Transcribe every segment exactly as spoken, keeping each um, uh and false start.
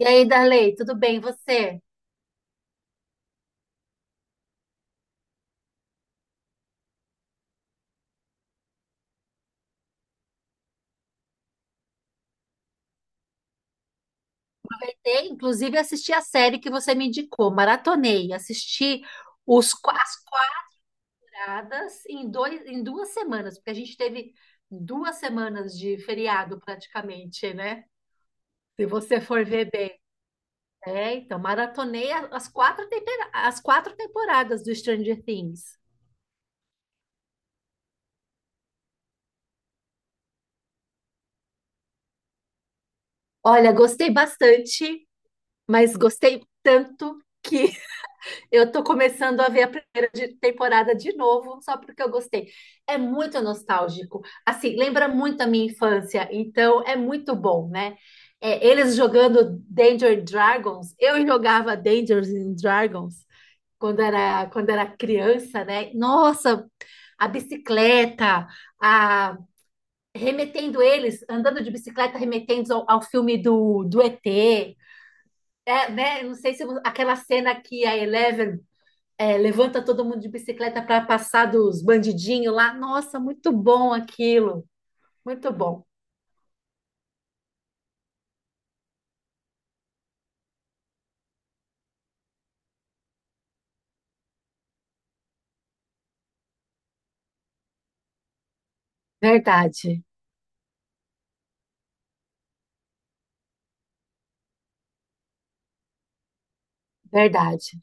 E aí, Darley, tudo bem? E você? E, inclusive, assisti a série que você me indicou, maratonei, assisti os, qua- as quadradas em, dois, em duas semanas, porque a gente teve duas semanas de feriado praticamente, né? Se você for ver bem. É, então, maratonei a- as quatro, tempera- as quatro temporadas do Stranger Things. Olha, gostei bastante, mas gostei tanto que eu tô começando a ver a primeira de- temporada de novo, só porque eu gostei. É muito nostálgico. Assim, lembra muito a minha infância, então é muito bom, né? É, eles jogando Danger Dragons, eu jogava Danger Dragons quando era, quando era criança, né? Nossa, a bicicleta, a, remetendo eles, andando de bicicleta, remetendo ao, ao filme do, do E T. É, né? Não sei se aquela cena que a Eleven é, levanta todo mundo de bicicleta para passar dos bandidinhos lá. Nossa, muito bom aquilo. Muito bom. Verdade, verdade.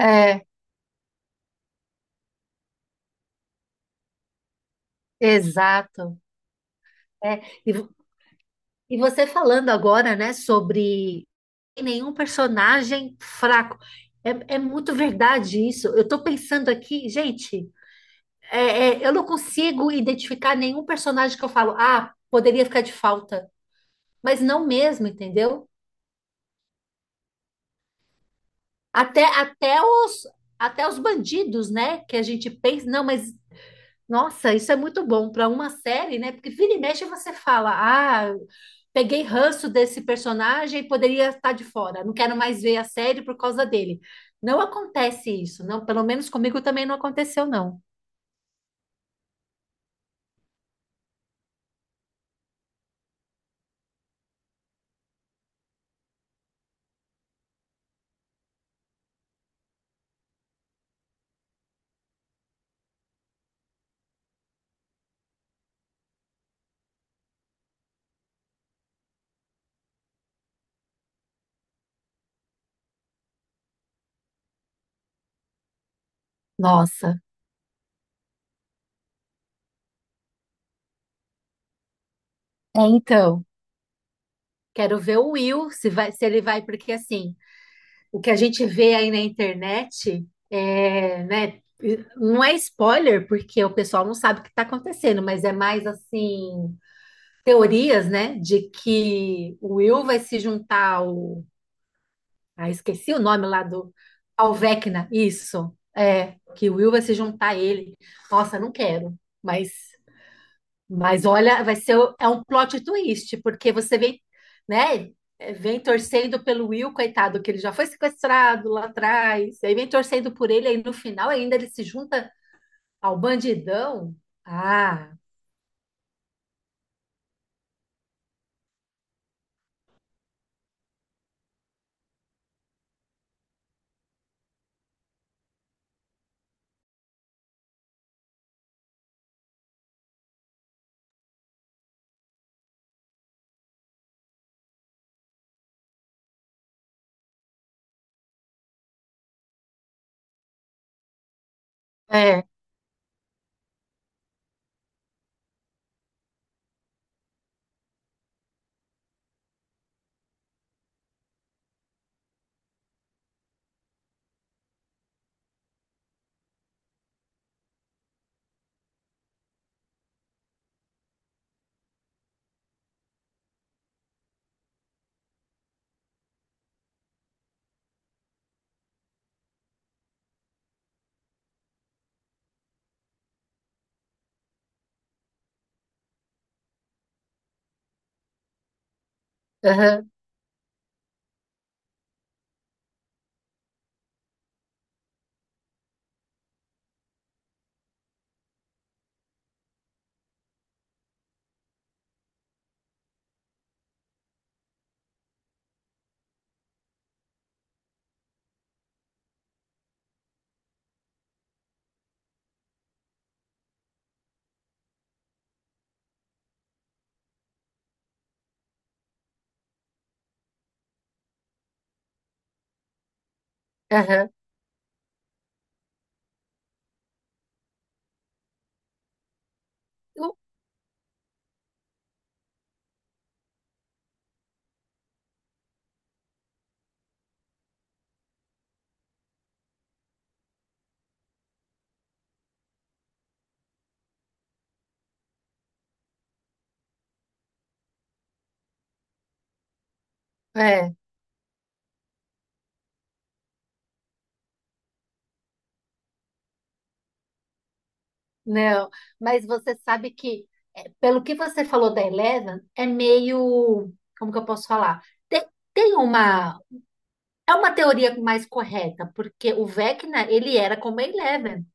É, exato. É. E, vo- e você falando agora, né, sobre nenhum personagem fraco. É, é muito verdade isso. Eu tô pensando aqui, gente, é- é, eu não consigo identificar nenhum personagem que eu falo, ah, poderia ficar de falta. Mas não mesmo, entendeu? Até, até os, até os bandidos, né? Que a gente pensa, não, mas nossa, isso é muito bom para uma série, né? Porque vira e mexe você fala, ah, peguei ranço desse personagem poderia estar de fora, não quero mais ver a série por causa dele. Não acontece isso, não, pelo menos comigo também não aconteceu, não. Nossa, é então. Quero ver o Will, se vai, se ele vai, porque assim. O que a gente vê aí na internet é, né, não é spoiler, porque o pessoal não sabe o que está acontecendo, mas é mais assim, teorias, né, de que o Will vai se juntar ao. Ah, esqueci o nome lá do. Ao Vecna, isso. É, que o Will vai se juntar a ele. Nossa, não quero, mas mas olha, vai ser o- é um plot twist, porque você vem, né, eh, vem torcendo pelo Will, coitado, que ele já foi sequestrado lá atrás, aí vem torcendo por ele, aí no final ainda ele se junta ao bandidão. Ah, é, aham, aham, uh, é, não, mas você sabe que, eh, pelo que você falou da Eleven, é meio, como que eu posso falar? Tem, tem uma, é uma teoria mais correta, porque o Vecna, ele era como a Eleven,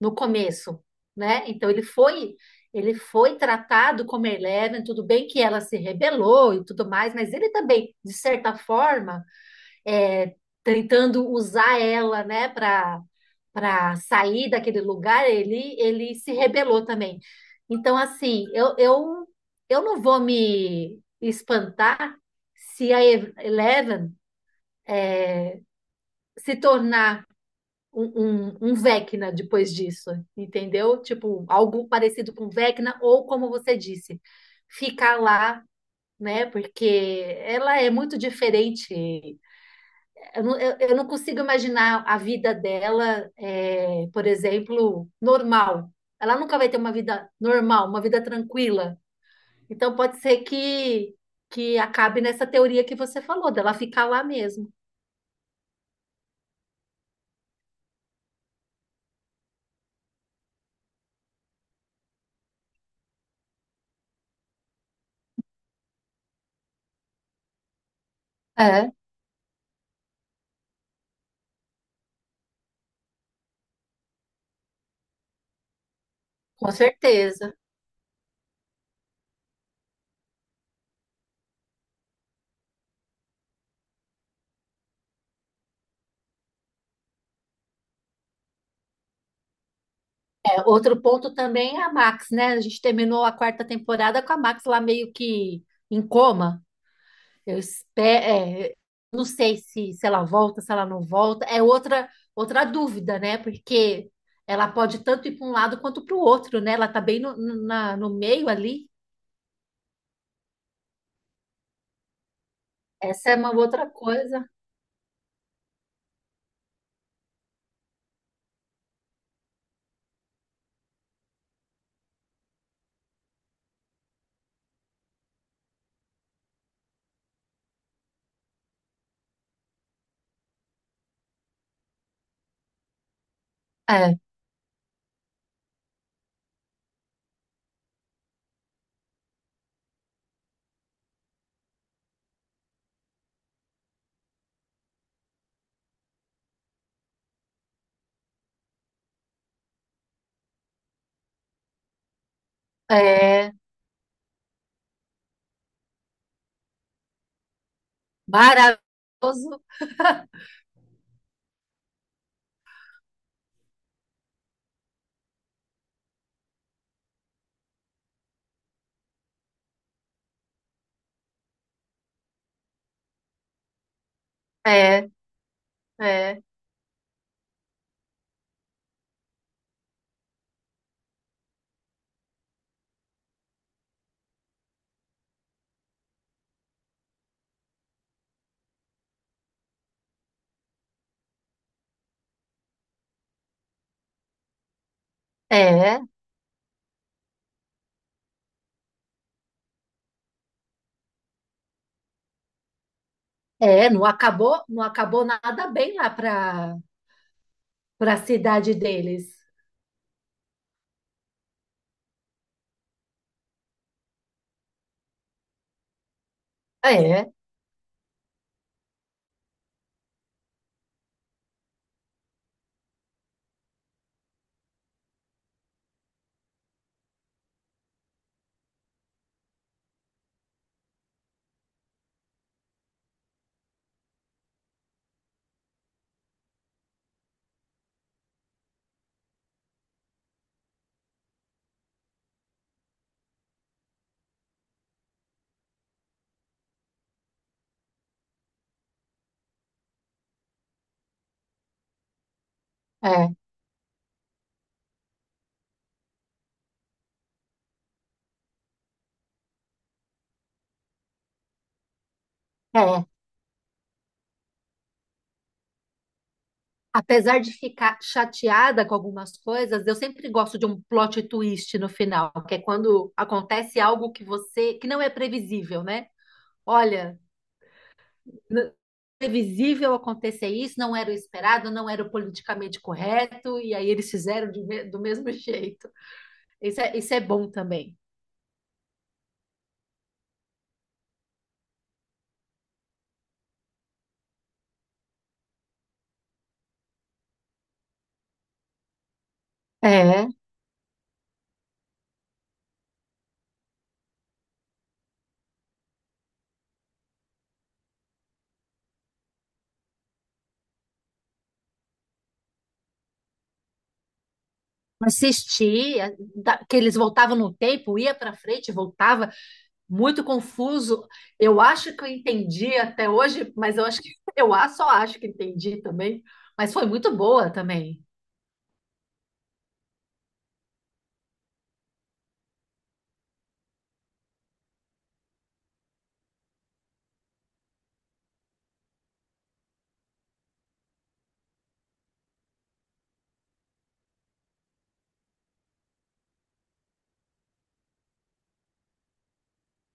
no começo, né? Então ele foi ele foi tratado como Eleven, tudo bem que ela se rebelou e tudo mais, mas ele também, de certa forma, é, tentando usar ela, né, para para sair daquele lugar, ele ele se rebelou também. Então assim, eu eu, eu não vou me espantar se a Eleven se tornar um, um, um Vecna depois disso, entendeu? Tipo, algo parecido com Vecna, ou como você disse, ficar lá, né? Porque ela é muito diferente. Eu não, eu, eu não consigo imaginar a vida dela, é, por exemplo, normal. Ela nunca vai ter uma vida normal, uma vida tranquila. Então pode ser que, que acabe nessa teoria que você falou, dela ficar lá mesmo. É, com certeza. Outro ponto também é a Max, né? A gente terminou a quarta temporada com a Max lá meio que em coma. Eu espero, não sei se, se ela volta, se ela não volta. É outra outra dúvida, né? Porque ela pode tanto ir para um lado quanto para o outro, né? Ela tá bem no, na- no meio ali. Essa é uma outra coisa. É, é maravilhoso. É, é, é, é. É, não acabou, não acabou nada bem lá para para a cidade deles. É, é, é. Apesar de ficar chateada com algumas coisas, eu sempre gosto de um plot twist no final, que é quando acontece algo que você, que não é previsível, né? Olha, n- previsível acontecer isso, não era o esperado, não era o politicamente correto, e aí eles fizeram de me- do mesmo jeito. Isso é, isso é bom também. É, assistir, que eles voltavam no tempo, ia para frente, voltava. Muito confuso. Eu acho que eu entendi até hoje, mas eu acho que eu a- só acho que entendi também. Mas foi muito boa também.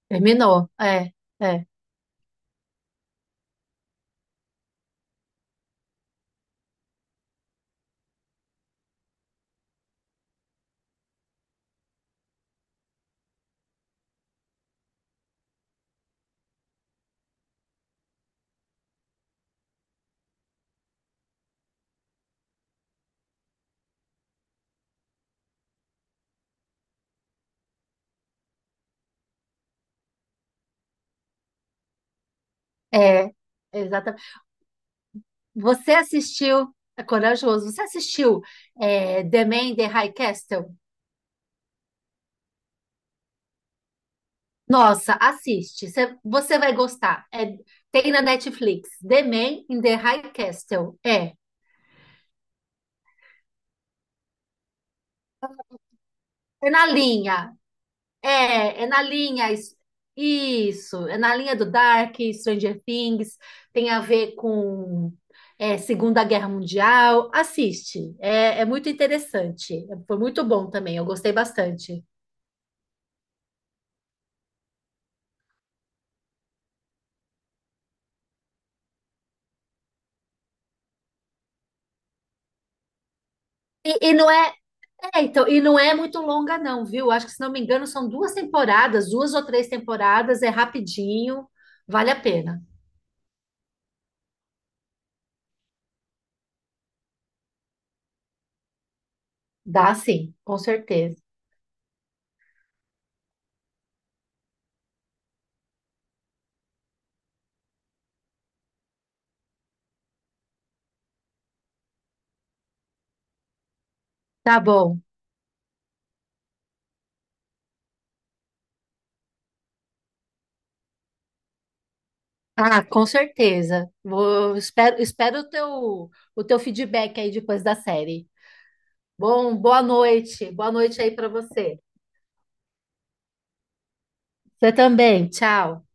Terminou. É, é, é, exatamente. Você assistiu, é corajoso, você assistiu é, The Man in the High Castle? Nossa, assiste. Cê- Você vai gostar. É, tem na Netflix. The Man in the High Castle. É. É na linha. É, é na linha. is- Isso, é na linha do Dark, Stranger Things, tem a ver com é, Segunda Guerra Mundial. Assiste, é, é muito interessante. Foi muito bom também, eu gostei bastante. E, e não é, é, então, e não é muito longa, não, viu? Acho que, se não me engano, são duas temporadas, duas ou três temporadas, é rapidinho, vale a pena. Dá sim, com certeza. Tá bom. Ah, com certeza. Vou, espero, espero o teu, o teu feedback aí depois da série. Bom, boa noite. Boa noite aí para você. Você também. Tchau.